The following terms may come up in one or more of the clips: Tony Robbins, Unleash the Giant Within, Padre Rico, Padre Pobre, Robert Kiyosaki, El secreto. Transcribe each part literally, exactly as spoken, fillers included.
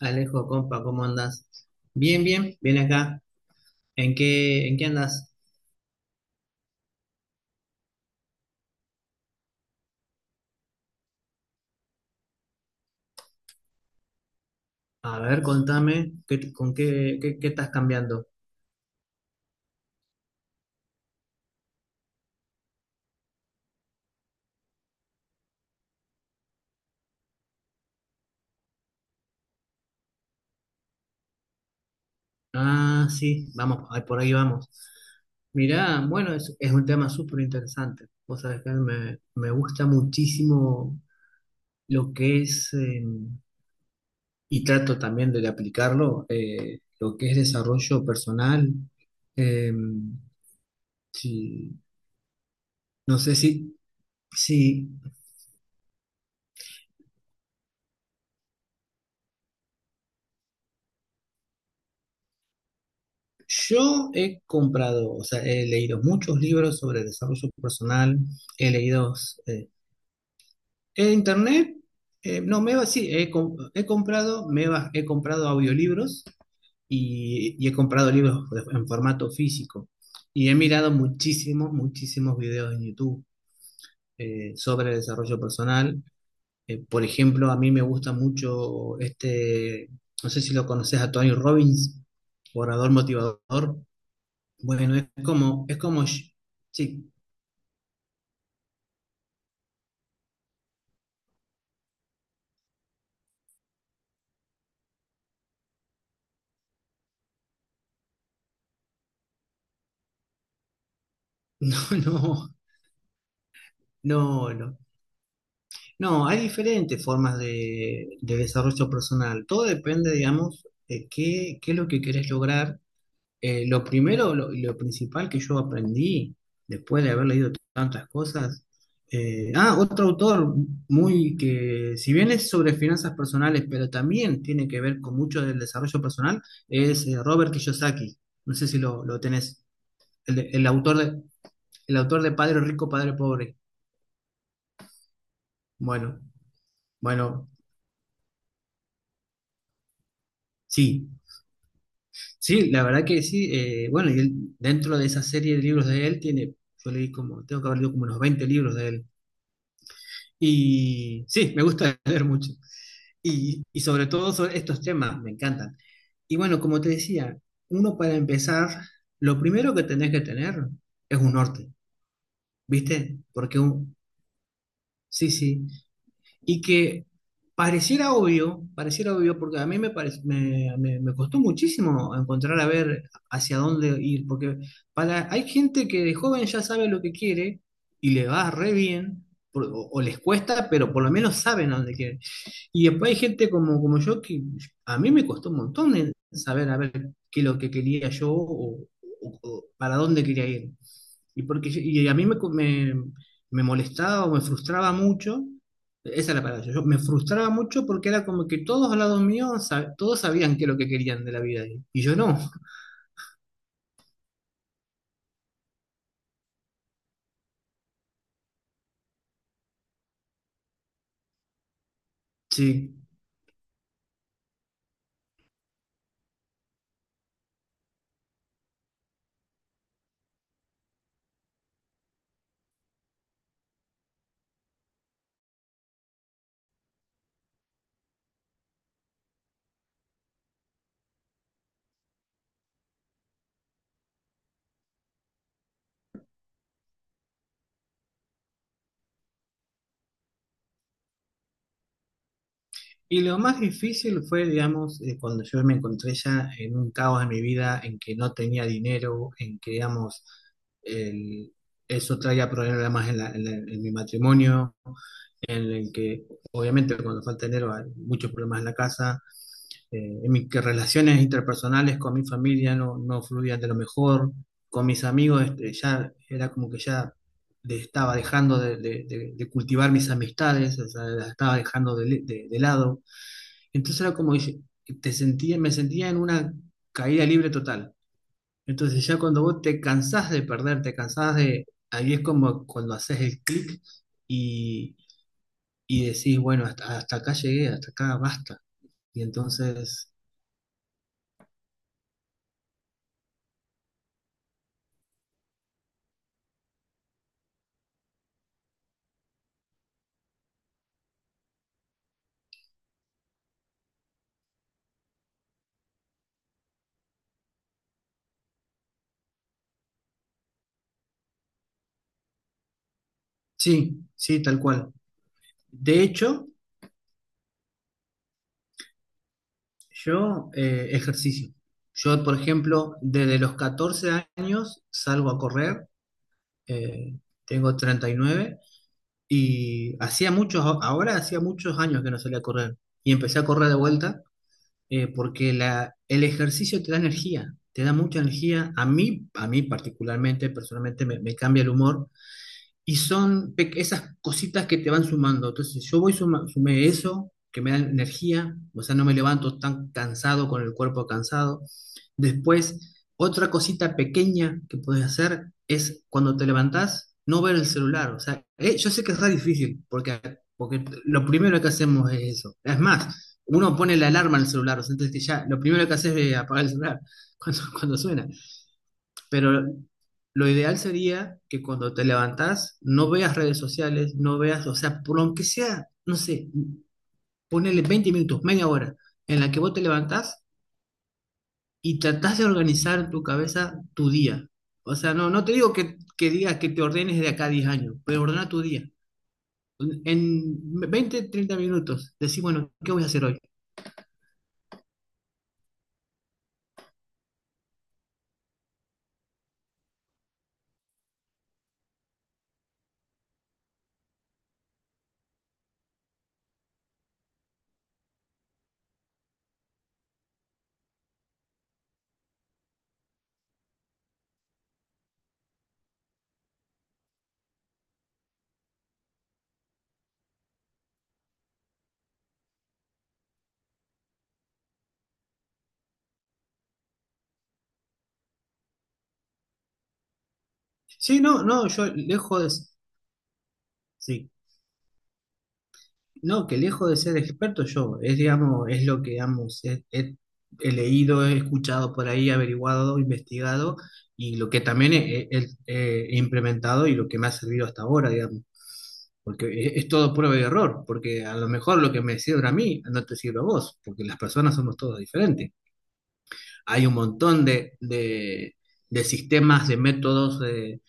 Alejo, compa, ¿cómo andas? Bien, bien, bien acá. ¿En qué, en qué andas? A ver, contame, ¿qué, con qué, qué, qué estás cambiando? Ah, sí, vamos, ahí, por ahí vamos. Mirá, bueno, es, es un tema súper interesante. Vos sabés que me, me gusta muchísimo lo que es, eh, y trato también de aplicarlo, eh, lo que es desarrollo personal. Eh, sí, no sé si, si Yo he comprado, o sea, he leído muchos libros sobre desarrollo personal, he leído eh, en internet, eh, no, me va, sí, he, com- he comprado, me va, he comprado audiolibros y, y he comprado libros de- en formato físico. Y he mirado muchísimos, muchísimos videos en YouTube eh, sobre desarrollo personal. Eh, por ejemplo, a mí me gusta mucho este, no sé si lo conoces a Tony Robbins, orador motivador. Bueno, es como, es como, sh- sí, no, no, no, no. No, hay diferentes formas de, de desarrollo personal. Todo depende, digamos, de qué, qué es lo que querés lograr. Eh, lo primero, lo, lo principal que yo aprendí después de haber leído tantas cosas. Eh, ah, otro autor muy que, si bien es sobre finanzas personales, pero también tiene que ver con mucho del desarrollo personal, es eh, Robert Kiyosaki. No sé si lo, lo tenés. El, de- el autor de El autor de Padre Rico, Padre Pobre. Bueno, bueno, sí. Sí, la verdad que sí. Eh, bueno, y él, dentro de esa serie de libros de él, tiene, yo leí como, tengo que haber leído como unos veinte libros de él. Y sí, me gusta leer mucho. Y, y sobre todo sobre estos temas, me encantan. Y bueno, como te decía, uno para empezar, lo primero que tenés que tener es un norte, ¿viste? Porque un, sí, sí, y que pareciera obvio, pareciera obvio, porque a mí me, parec- me, me- me costó muchísimo encontrar a ver hacia dónde ir, porque para, hay gente que de joven ya sabe lo que quiere y le va re bien, por- o, o les cuesta, pero por lo menos saben a dónde quieren. Y después hay gente como, como yo que a mí me costó un montón de saber a ver qué es lo que quería yo o, o- o para dónde quería ir. Y, porque, yo- y a mí me, co- me, me molestaba o me frustraba mucho, esa es la palabra, yo me frustraba mucho porque era como que todos al lado mío, sab- todos sabían qué es lo que querían de la vida y y yo no. Sí. Y lo más difícil fue, digamos, eh, cuando yo me encontré ya en un caos en mi vida, en que no tenía dinero, en que, digamos, el- eso traía problemas en, la- en la- en mi matrimonio, en el que, obviamente, cuando falta dinero hay muchos problemas en la casa, eh, en mis que relaciones interpersonales con mi familia no, no fluían de lo mejor, con mis amigos este, ya era como que ya de- estaba dejando de, de- de- de cultivar mis amistades, o sea, las estaba dejando de de- de lado. Entonces era como que te sentía, me sentía en una caída libre total. Entonces ya cuando vos te cansás de perder, te cansás de... Ahí es como cuando haces el clic y, y decís, bueno, hasta, hasta acá llegué, hasta acá basta. Y entonces, sí, sí, tal cual. De hecho, yo eh, ejercicio. Yo, por ejemplo, desde los catorce años salgo a correr, eh, tengo treinta y nueve. Y hacía muchos, ahora hacía muchos años que no salía a correr. Y empecé a correr de vuelta eh, porque la, el ejercicio te da energía, te da mucha energía. A mí, a mí particularmente, personalmente, me, me cambia el humor. Y son pe- esas cositas que te van sumando. Entonces, yo voy suma- sumé eso, que me da energía. O sea, no me levanto tan cansado, con el cuerpo cansado. Después, otra cosita pequeña que puedes hacer es cuando te levantás, no ver el celular. O sea, eh, yo sé que es re difícil, porque, porque lo primero que hacemos es eso. Es más, uno pone la alarma en el celular, o sea, entonces ya lo primero que haces es eh, apagar el celular cuando, cuando suena. Pero lo ideal sería que cuando te levantás, no veas redes sociales, no veas, o sea, por lo que sea, no sé, ponele veinte minutos, media hora, en la que vos te levantás y tratás de organizar en tu cabeza tu día. O sea, no, no te digo que, que digas que te ordenes de acá a diez años, pero ordena tu día. En veinte treinta minutos, decís, bueno, ¿qué voy a hacer hoy? Sí, no, no, yo lejos de, sí, no, que lejos de ser experto yo, es, digamos, es lo que, digamos, he, he- he leído, he escuchado por ahí, averiguado, investigado, y lo que también he, he- he- he implementado y lo que me ha servido hasta ahora, digamos. Porque es es todo prueba y error, porque a lo mejor lo que me sirve a mí no te sirve a vos, porque las personas somos todos diferentes. Hay un montón de, de- de sistemas, de métodos de-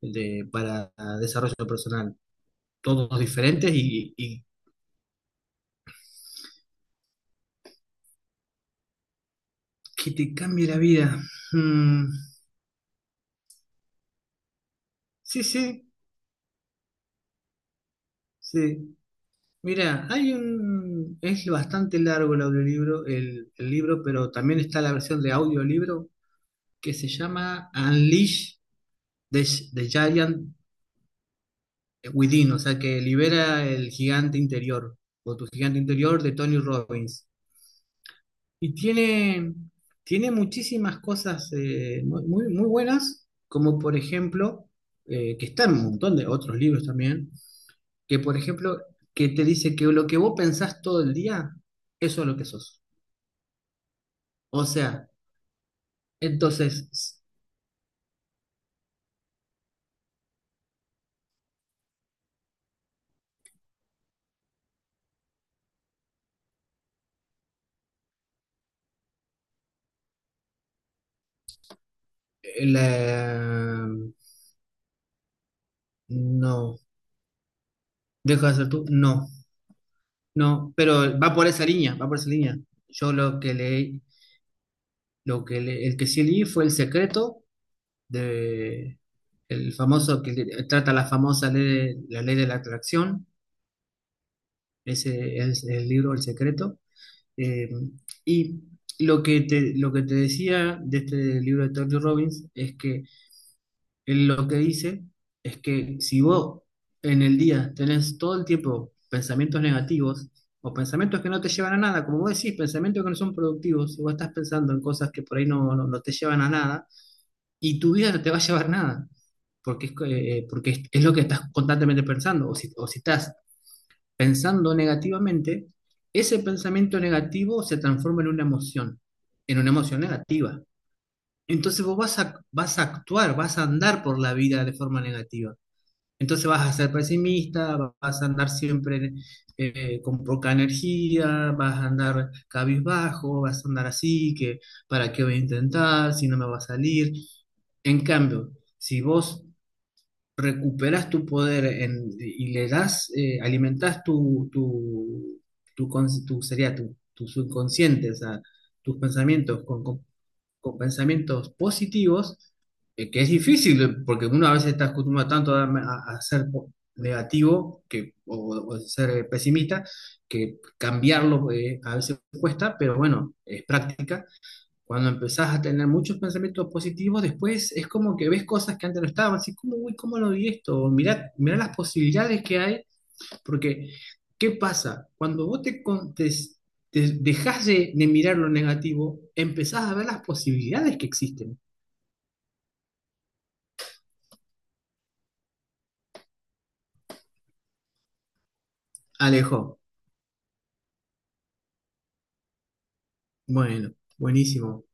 de- para desarrollo personal, todos diferentes y, y que te cambie la vida. Mm, sí, sí, sí. Mira, hay un, es bastante largo el audiolibro, el, el libro, pero también está la versión de audiolibro que se llama Unleash the, the Giant Within, o sea, que libera el gigante interior, o tu gigante interior de Tony Robbins. Y tiene, tiene muchísimas cosas eh, muy, muy muy buenas, como por ejemplo, eh, que está en un montón de otros libros también, que por ejemplo, que te dice que lo que vos pensás todo el día, eso es lo que sos. O sea, entonces, la- no, deja de ser tú, no, no, pero va por esa línea, va por esa línea. Yo lo que leí, Lo que le- el que sí leí fue El secreto de el famoso que le- trata la famosa ley, de- la ley de la atracción, ese es el libro El secreto. Eh, y lo que te, lo que te decía de este libro de Tony Robbins es que él lo que dice es que si vos en el día tenés todo el tiempo pensamientos negativos o pensamientos que no te llevan a nada, como vos decís, pensamientos que no son productivos, si vos estás pensando en cosas que por ahí no no- no te llevan a nada, y tu vida no te va a llevar nada, porque es, que, eh, porque es, es lo que estás constantemente pensando, o si, o si estás pensando negativamente, ese pensamiento negativo se transforma en una emoción, en una emoción negativa. Entonces vos vas a, vas a actuar, vas a andar por la vida de forma negativa. Entonces vas a ser pesimista, vas a andar siempre eh, con poca energía, vas a andar cabizbajo, vas a andar así, que para qué voy a intentar, si no me va a salir. En cambio, si vos recuperas tu poder en- y le das, eh, alimentás tu, tu, tu, cons- tu- sería tu, tu subconsciente, o sea, tus pensamientos con, con con pensamientos positivos, eh, que es difícil, eh, porque uno a veces está acostumbrado tanto a, a- a ser po- negativo que, o, o ser eh, pesimista, que cambiarlo eh, a veces cuesta, pero bueno, es práctica. Cuando empezás a tener muchos pensamientos positivos, después es como que ves cosas que antes no estaban, así como, uy, ¿cómo lo vi esto? Mirá, mirá las posibilidades que hay porque, ¿qué pasa? Cuando vos te, con- te- te dejás de, de mirar lo negativo, empezás a ver las posibilidades que existen. Alejo, bueno, buenísimo.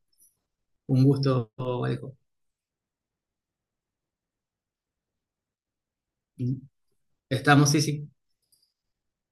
Un gusto, Alejo. Estamos, sí, sí.